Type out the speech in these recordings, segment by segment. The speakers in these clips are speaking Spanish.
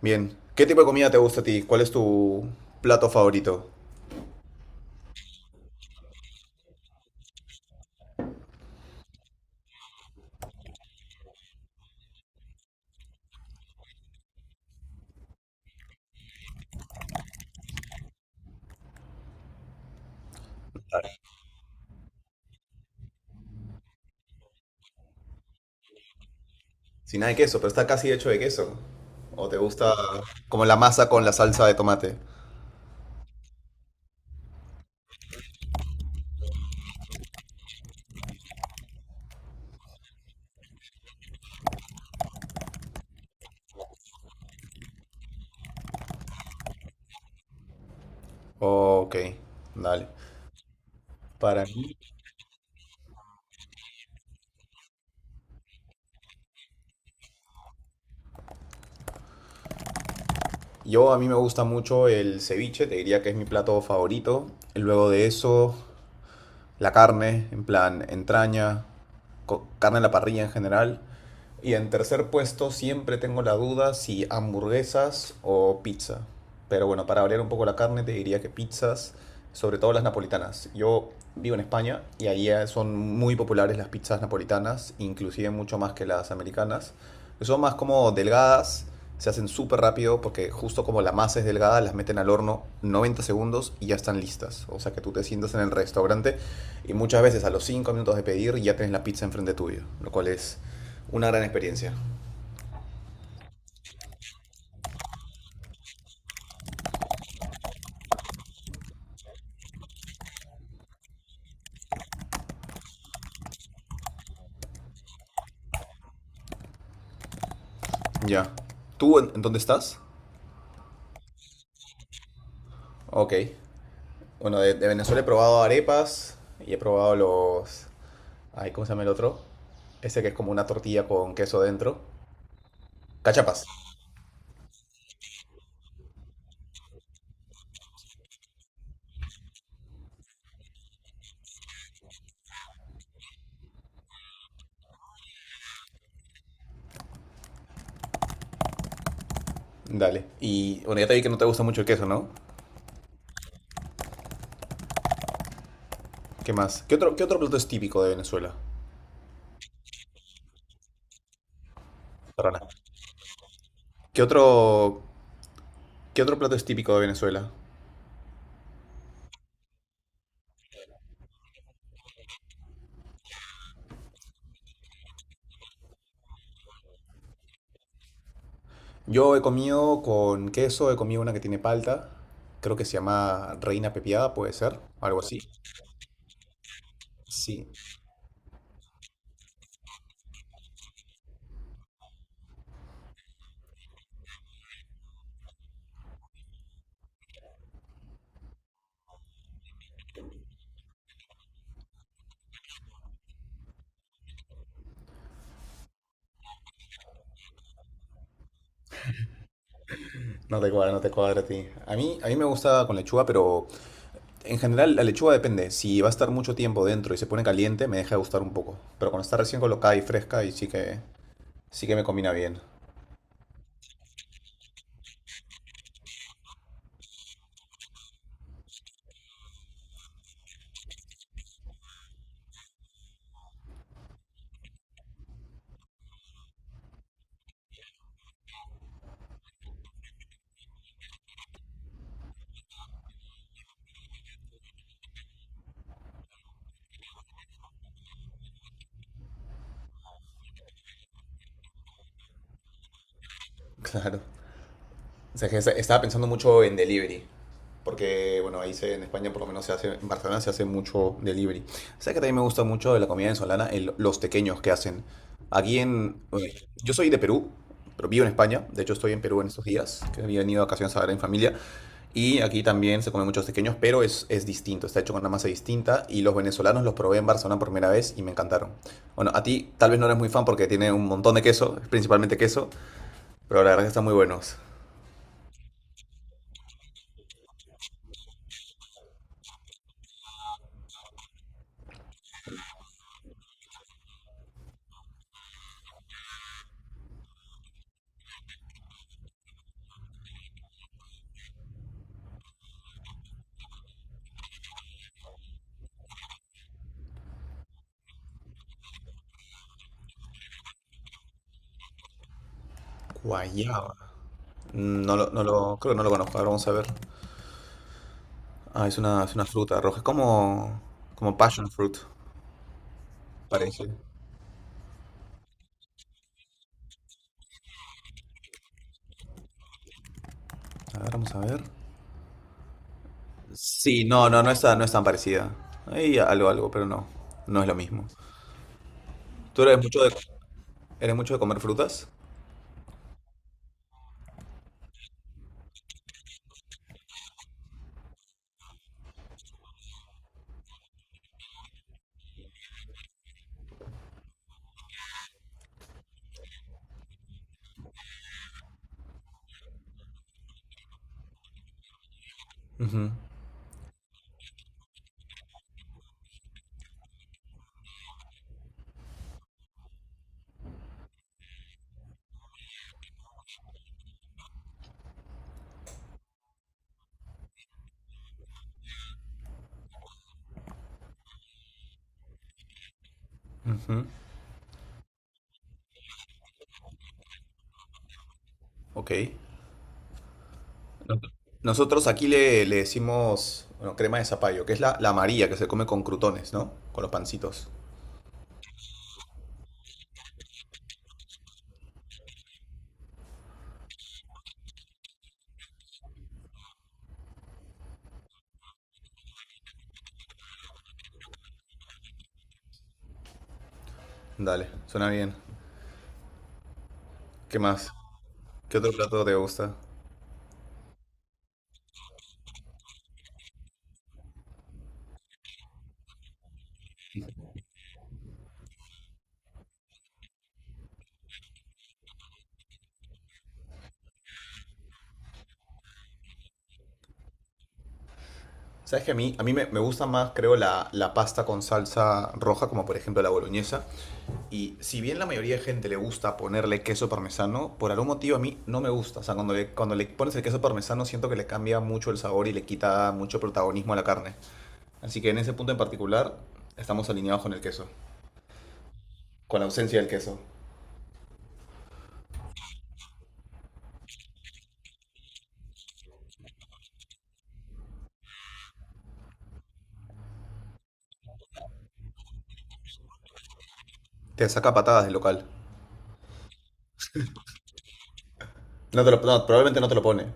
Bien. ¿Qué tipo de comida te gusta a ti? ¿Cuál es tu plato favorito? Vale. Sin nada de queso, pero está casi hecho de queso. ¿O te gusta como la masa con la salsa de tomate? Ok, dale. Para mí, yo A mí me gusta mucho el ceviche, te diría que es mi plato favorito. Luego de eso, la carne, en plan entraña, carne en la parrilla en general. Y en tercer puesto siempre tengo la duda si hamburguesas o pizza. Pero bueno, para variar un poco la carne te diría que pizzas, sobre todo las napolitanas. Yo vivo en España y ahí son muy populares las pizzas napolitanas, inclusive mucho más que las americanas, que son más como delgadas, se hacen súper rápido porque justo como la masa es delgada, las meten al horno 90 segundos y ya están listas. O sea que tú te sientas en el restaurante y muchas veces a los 5 minutos de pedir ya tenés la pizza enfrente tuyo, lo cual es una gran experiencia. Ya. ¿Tú en dónde estás? Ok. Bueno, de Venezuela he probado arepas y he probado los... Ay, ¿cómo se llama el otro? Ese que es como una tortilla con queso dentro. Cachapas. Dale. Y bueno, ya te vi que no te gusta mucho el queso, ¿no? ¿Qué más? ¿Qué otro plato es típico de Venezuela? Perdona. ¿Qué otro, qué otro plato es típico de Venezuela? Yo he comido con queso, he comido una que tiene palta, creo que se llama reina pepiada, puede ser, algo así. Sí, no te cuadra, no te cuadra a ti. A mí me gusta con lechuga, pero en general la lechuga depende. Si va a estar mucho tiempo dentro y se pone caliente, me deja de gustar un poco. Pero cuando está recién colocada y fresca, y sí que me combina bien. Claro. O sea, que estaba pensando mucho en delivery. Porque, bueno, ahí se, en España por lo menos se hace, en Barcelona se hace mucho delivery. O sea que también me gusta mucho de la comida venezolana, los tequeños que hacen. Bueno, yo soy de Perú, pero vivo en España. De hecho, estoy en Perú en estos días, que había venido a vacaciones a ver en familia. Y aquí también se comen muchos tequeños, pero es distinto, está hecho con una masa distinta. Y los venezolanos los probé en Barcelona por primera vez y me encantaron. Bueno, a ti tal vez no eres muy fan porque tiene un montón de queso, principalmente queso, pero la verdad que están muy buenos. Guayaba. Creo que no lo conozco. Ahora vamos a ver. Ah, es una fruta roja. Es como passion fruit, parece. A ver, vamos a ver. Sí, no, no, no es tan parecida. Hay algo, algo, pero no. No es lo mismo. ¿Tú eres mucho de comer frutas? Ujú, ujú. Ok. No- Nosotros aquí le decimos, bueno, crema de zapallo, que es la amarilla que se come con crutones, ¿no? Con los pancitos. Dale, suena bien. ¿Qué más? ¿Qué otro plato te gusta? Sabes que a mí me gusta más, creo, la pasta con salsa roja, como por ejemplo la boloñesa. Y si bien la mayoría de gente le gusta ponerle queso parmesano, por algún motivo a mí no me gusta. O sea, cuando le pones el queso parmesano siento que le cambia mucho el sabor y le quita mucho protagonismo a la carne. Así que en ese punto en particular estamos alineados con el queso, con la ausencia del queso. Te saca patadas del local. No, probablemente no te lo pone.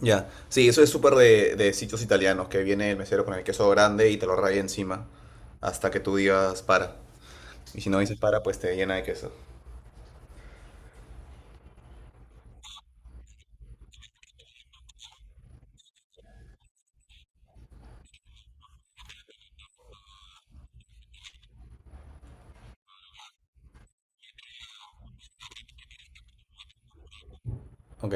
Ya, sí, eso es súper de sitios italianos, que viene el mesero con el queso grande y te lo raya encima hasta que tú digas para. Y si no dices para, pues te llena de queso. Ok.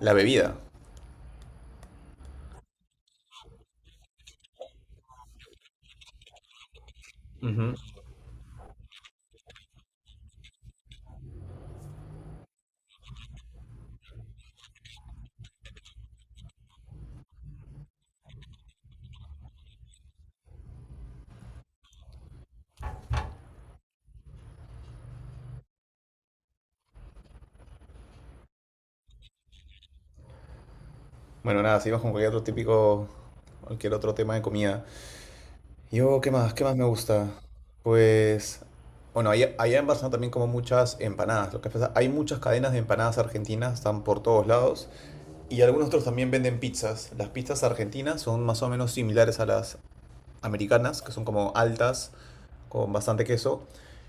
La bebida. Ujú. Bueno, nada, seguimos con cualquier otro tema de comida. Yo, ¿qué más? ¿Qué más me gusta? Pues, bueno, allá en Barcelona también como muchas empanadas. Lo que pasa, hay muchas cadenas de empanadas argentinas, están por todos lados. Y algunos otros también venden pizzas. Las pizzas argentinas son más o menos similares a las americanas, que son como altas, con bastante queso.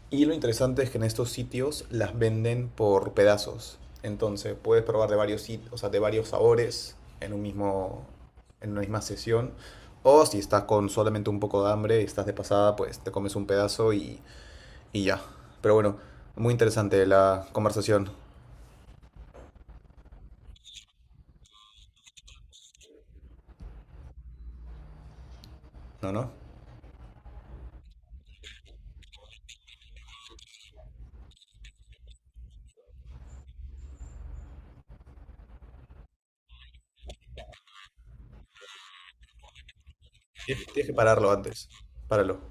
Y lo interesante es que en estos sitios las venden por pedazos. Entonces puedes probar de varios sitios, o sea, de varios sabores en un mismo, en una misma sesión. O si estás con solamente un poco de hambre y estás de pasada, pues te comes un pedazo y ya. Pero bueno, muy interesante la conversación, ¿no? ¿No? Tienes que pararlo antes. Páralo.